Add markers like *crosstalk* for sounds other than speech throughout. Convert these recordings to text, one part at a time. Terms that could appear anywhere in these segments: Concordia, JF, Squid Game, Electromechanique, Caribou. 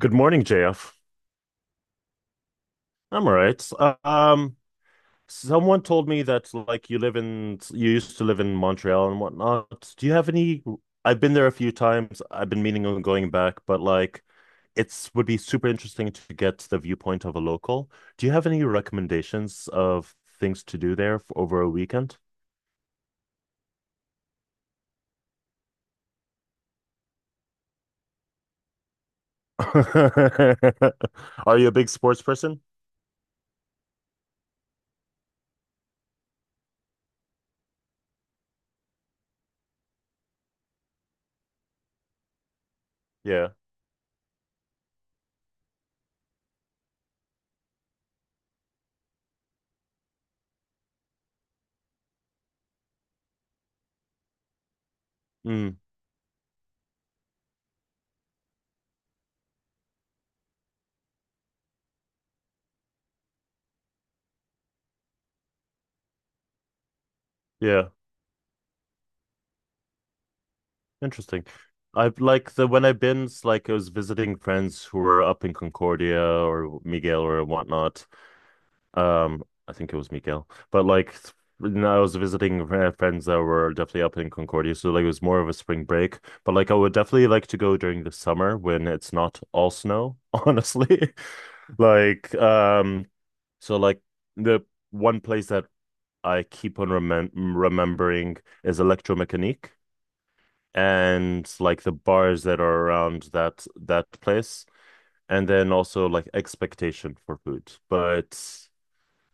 Good morning, JF. I'm all right. Someone told me that you used to live in Montreal and whatnot. Do you have any? I've been there a few times. I've been meaning on going back, but like it's would be super interesting to get the viewpoint of a local. Do you have any recommendations of things to do there f over a weekend? *laughs* Are you a big sports person? Yeah. Mm, yeah. Interesting. I've like the when I've been s- like I was visiting friends who were up in Concordia or Miguel or whatnot. I think it was Miguel, but when I was visiting friends that were definitely up in Concordia, so like it was more of a spring break. But like I would definitely like to go during the summer when it's not all snow, *laughs* honestly. Like um, so like the one place that I keep on remembering is Electromechanique, and like the bars that are around that place, and then also like expectation for food. But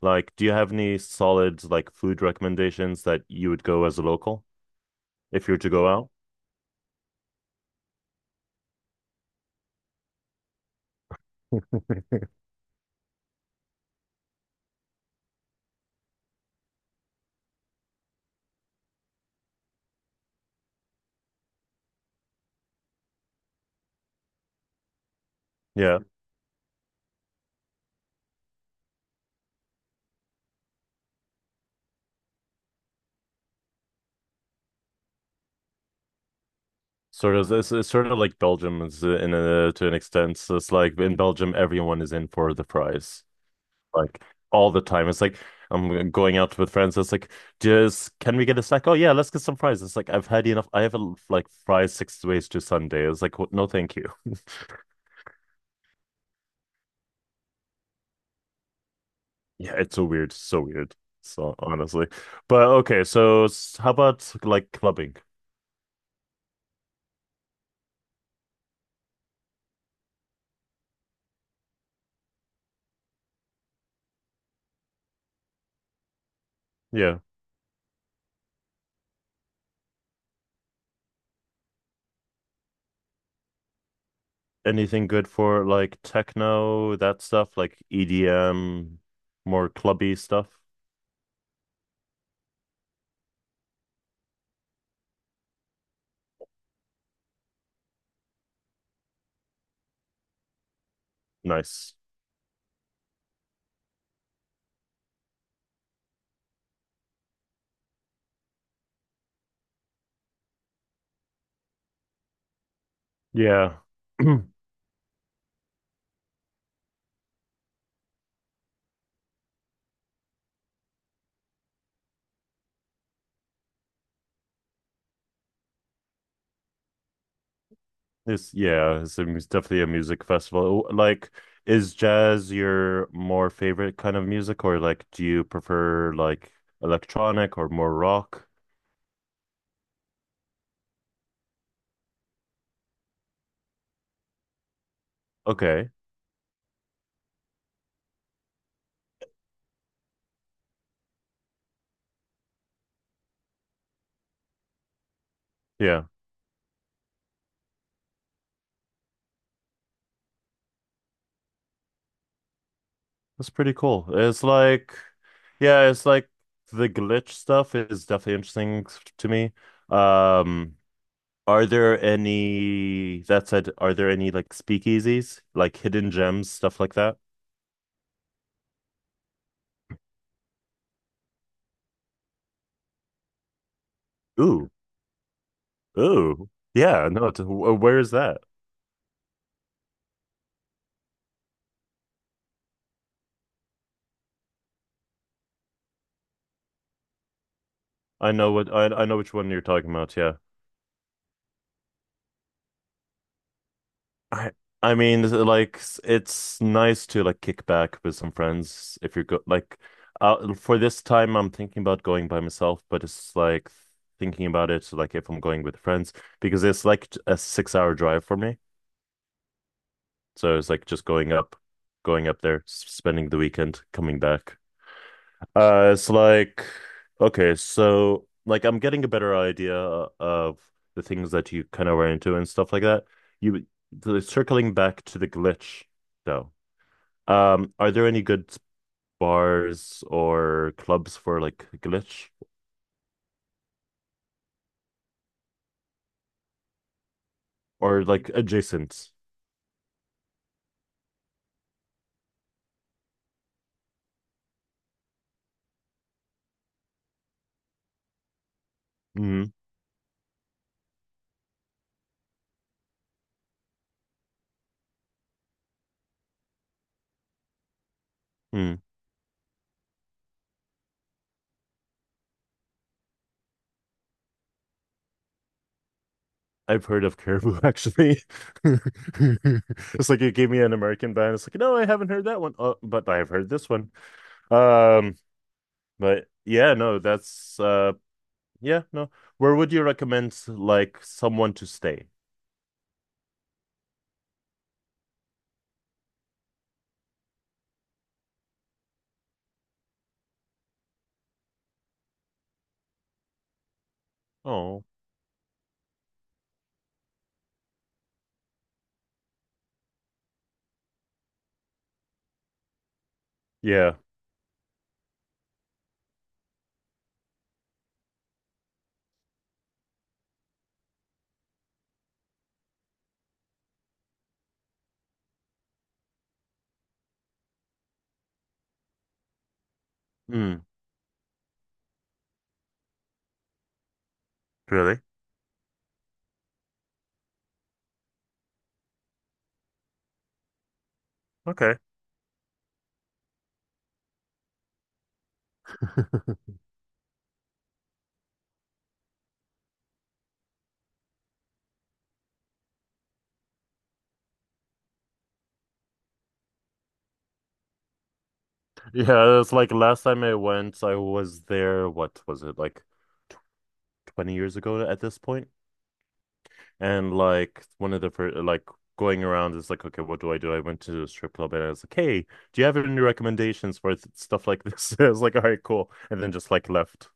like do you have any solid like food recommendations that you would go as a local if you were to go out? Yeah, sort of. It's sort of like Belgium is, in a to an extent. So it's like in Belgium everyone is in for the fries like all the time. It's like I'm going out with friends. It's like, just can we get a snack? Oh yeah, let's get some fries. It's like I've had enough. I have a, like fries six ways to Sunday. It's like what? No, thank you. *laughs* Yeah, it's so weird, so weird. So honestly, but okay. How about like clubbing? Yeah, anything good for like techno, that stuff, like EDM, more clubby stuff? Nice. Yeah. *clears throat* It's, yeah, it's a, it's definitely a music festival. Like, is jazz your more favorite kind of music, or like, do you prefer like electronic or more rock? Okay, yeah, that's pretty cool. It's like, yeah, it's like the glitch stuff is definitely interesting to me. Um, are there any, that said, are there any like speakeasies, like hidden gems, stuff like that? Ooh, ooh, yeah, no, where is that? I know which one you're talking about, yeah. I I mean this is like it's nice to like kick back with some friends if you're go like, for this time I'm thinking about going by myself, but it's like thinking about it like if I'm going with friends, because it's like a 6 hour drive for me. So it's like just going up there, spending the weekend, coming back. It's like, okay, so like I'm getting a better idea of the things that you kind of were into and stuff like that. You Circling back to the glitch though. Are there any good bars or clubs for like glitch or like adjacent? Mm, mm. I've heard of Caribou actually. *laughs* It's like you gave me an American band. It's like, no, I haven't heard that one. Oh, but I've heard this one. Um, but yeah, no, that's uh. Yeah, no. Where would you recommend like someone to stay? Oh, yeah. Mm, really? Okay. *laughs* Yeah, it's like last time I went, I was there, what was it, like 20 years ago at this point? And like one of the first, like going around is like, okay, what do? I went to a strip club and I was like, hey, do you have any recommendations for th stuff like this? *laughs* I was like, all right, cool. And then just like left.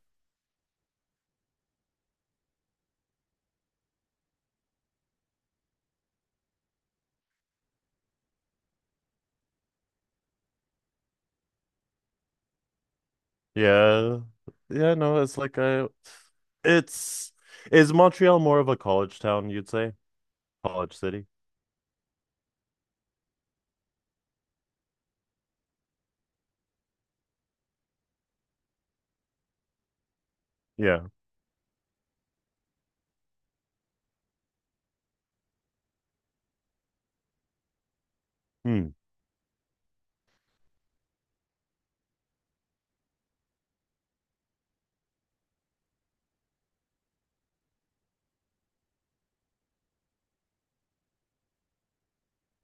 Yeah. Yeah, no, it's like a it's is Montreal more of a college town, you'd say? College city? Yeah. Hmm.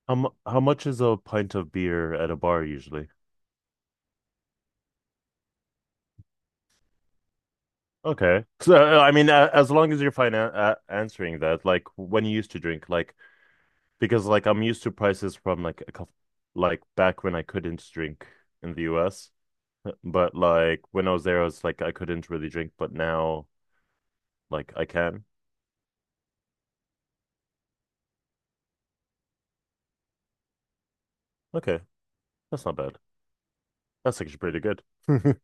How much is a pint of beer at a bar usually? Okay. So I mean as long as you're fine answering that, like when you used to drink, like because like I'm used to prices from like a couple, like back when I couldn't drink in the US, but like when I was there I was like I couldn't really drink, but now like I can. Okay. That's not bad. That's actually pretty good. *laughs*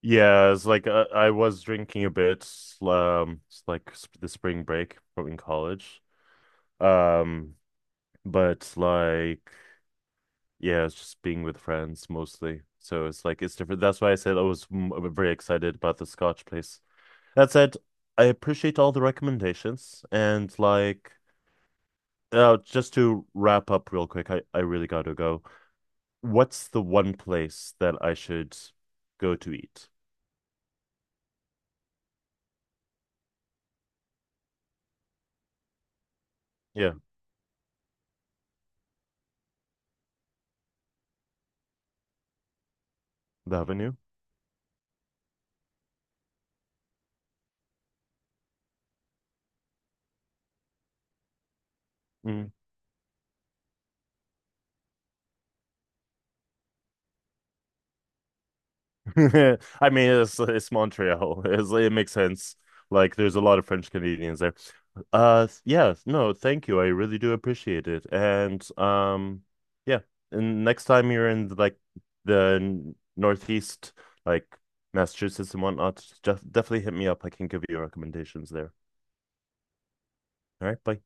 Yeah, it's like I was drinking a bit, it's like the spring break from in college. Um, but like, yeah, it's just being with friends mostly. So it's like it's different. That's why I said I was mm, very excited about the Scotch place. That said, I appreciate all the recommendations and like, just to wrap up real quick, I really gotta go. What's the one place that I should go to eat? Yeah, the Avenue. Mm. *laughs* I mean, it's Montreal. It makes sense. Like, there's a lot of French Canadians there. Yeah, no, thank you. I really do appreciate it. And yeah, and next time you're in like the Northeast, like Massachusetts and whatnot, just definitely hit me up. I can give you recommendations there. All right, bye.